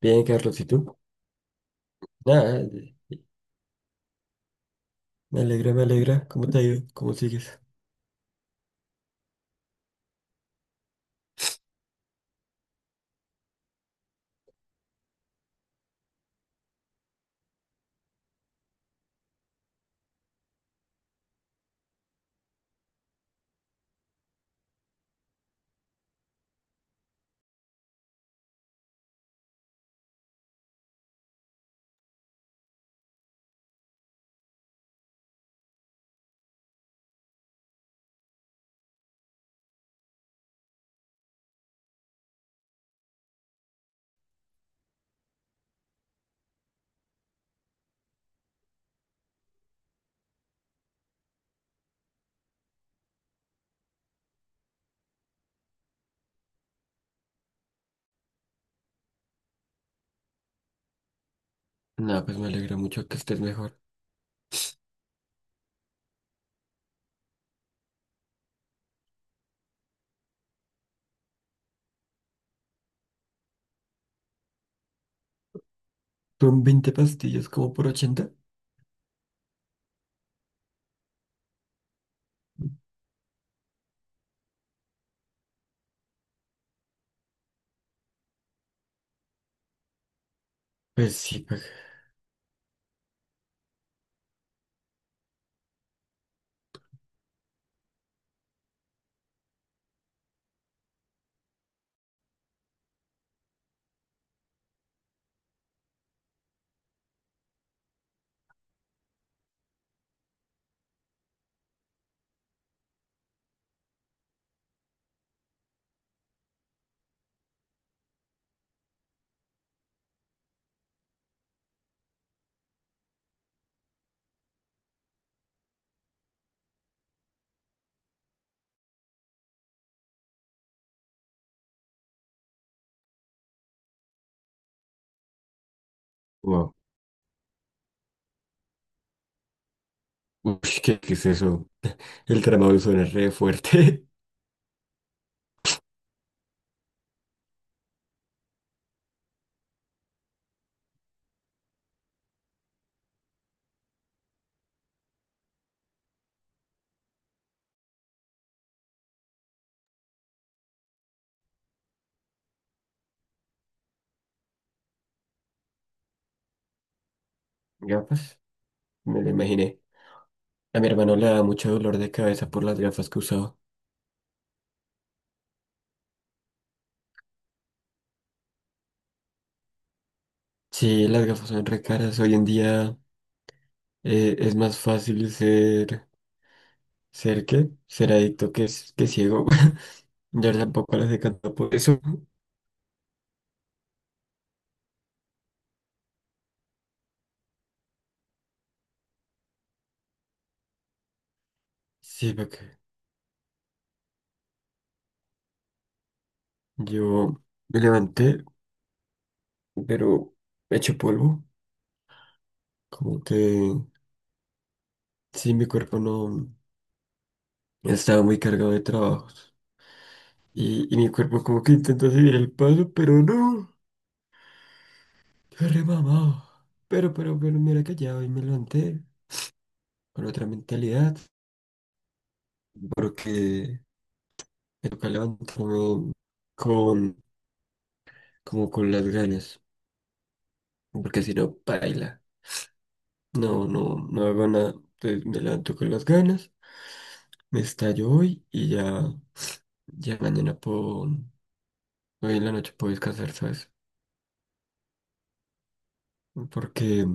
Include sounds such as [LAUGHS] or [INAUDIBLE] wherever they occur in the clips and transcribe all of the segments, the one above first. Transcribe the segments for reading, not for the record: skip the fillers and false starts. Bien, Carlos, ¿y tú? Nada, me alegra, me alegra. ¿Cómo te ha ido? ¿Cómo sigues? Nada, pues me alegra mucho que estés mejor. ¿Son 20 pastillas como por 80? Pues sí, pues. Wow. Uy, qué es eso? El tramadol suena re fuerte. [LAUGHS] Gafas, me lo imaginé. A mi hermano le da mucho dolor de cabeza por las gafas que usaba. Sí, las gafas son re caras. Hoy en día es más fácil ser. ¿Ser qué? Ser adicto que ciego. [LAUGHS] Yo tampoco las he cantado por eso. Sí, porque yo me levanté, pero hecho polvo. Como que sí, mi cuerpo no estaba muy cargado de trabajos. Y mi cuerpo como que intenta seguir el paso, pero no. Yo remamado. Pero mira que ya hoy me levanté con otra mentalidad. Porque me toca levantarme con, como con las ganas. Porque si no, baila. No, no, no hago nada. Entonces me levanto con las ganas. Me estallo hoy y ya. Ya mañana puedo, hoy en la noche puedo descansar, ¿sabes? Porque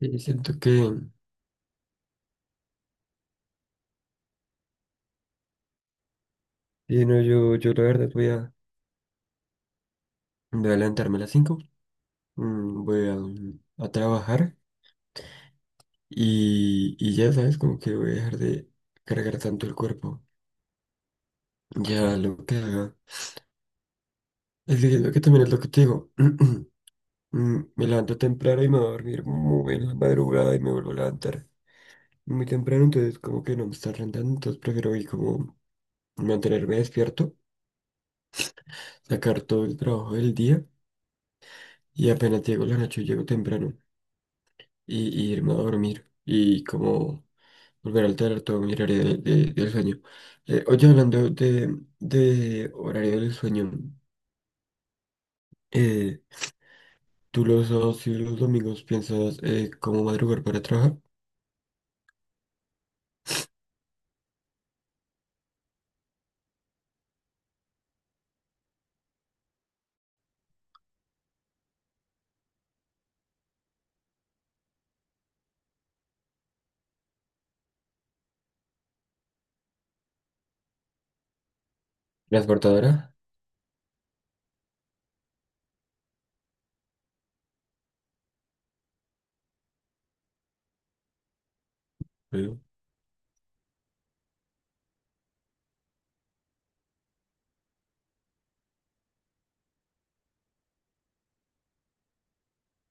siento que, sí, no, yo la verdad voy a levantarme a las 5, voy a, a trabajar y ya, ¿sabes? Como que voy a dejar de cargar tanto el cuerpo. Ya lo que haga. Es que siento que también es lo que te digo. [CLEARS THROAT] Me levanto temprano y me voy a dormir muy en la madrugada y me vuelvo a levantar muy temprano, entonces como que no me está rentando, entonces prefiero ir como mantenerme despierto, sacar todo el trabajo del día y apenas llego la noche, llego temprano y irme a dormir y como volver a alterar todo mi horario del sueño. Oye, hablando de horario del sueño, eh, ¿tú los sábados y los domingos piensas cómo madrugar para trabajar? ¿Transportadora? Veo.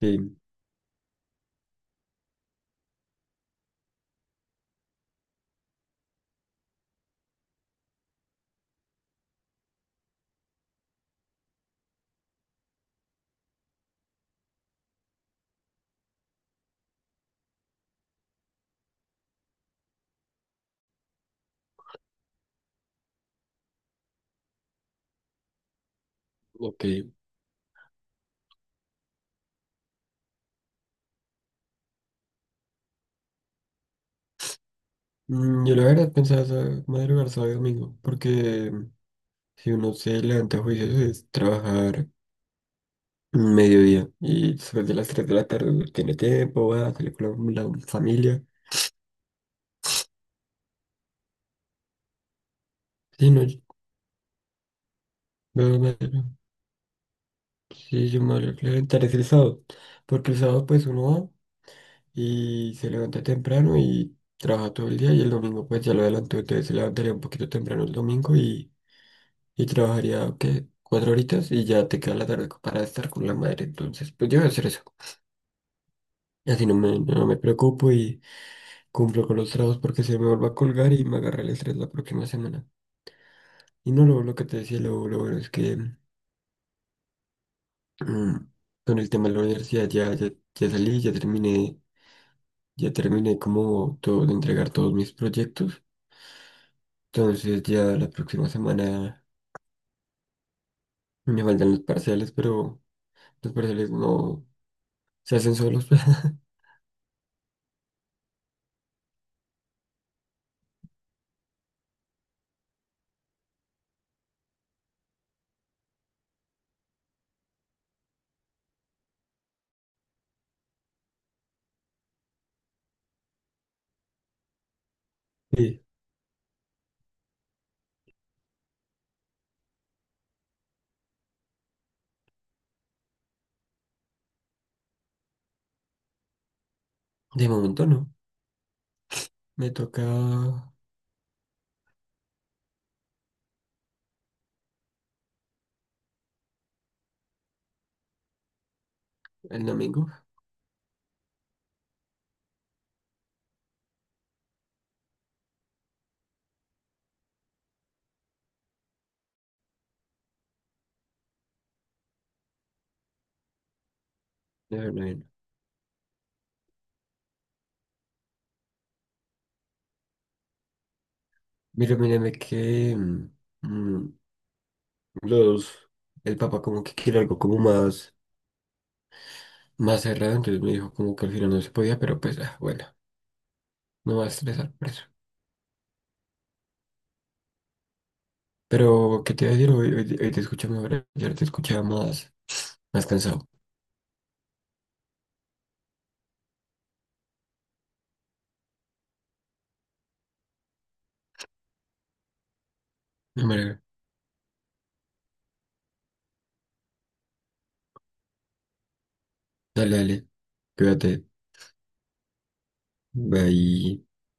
Sí, ok. Yo la verdad pensaba madrugar sábado y domingo porque si uno se levanta a juicios es trabajar. Mediodía. Y después de las 3 de la tarde uno tiene tiempo, va a salir con la, la familia. Sí, no, yo, no, no, no. Sí, yo me voy a levantar es el sábado. Porque el sábado pues uno va y se levanta temprano y trabaja todo el día y el domingo pues ya lo adelantó. Entonces se levantaría un poquito temprano el domingo y trabajaría, ¿qué? Cuatro horitas y ya te queda la tarde para estar con la madre. Entonces pues yo voy a hacer eso. Y así no me preocupo y cumplo con los trabajos porque se me vuelva a colgar y me agarra el estrés la próxima semana. Y no, lo que te decía, lo bueno es que mm, con el tema de la universidad ya salí, ya terminé como todo de entregar todos mis proyectos. Entonces ya la próxima semana me faltan los parciales, pero los parciales no se hacen solos. [LAUGHS] Sí, de momento no. Me toca el domingo. Bueno. Mira, mírame que mm, los, el papá como que quiere algo como más, más cerrado, entonces me dijo como que al final no se podía, pero pues ah, bueno, no me va a estresar por eso. Pero, ¿qué te iba a decir? Hoy, hoy te escuché mejor, ayer te escuchaba más, más cansado. Me alegra. Dale, dale, cuídate, bye.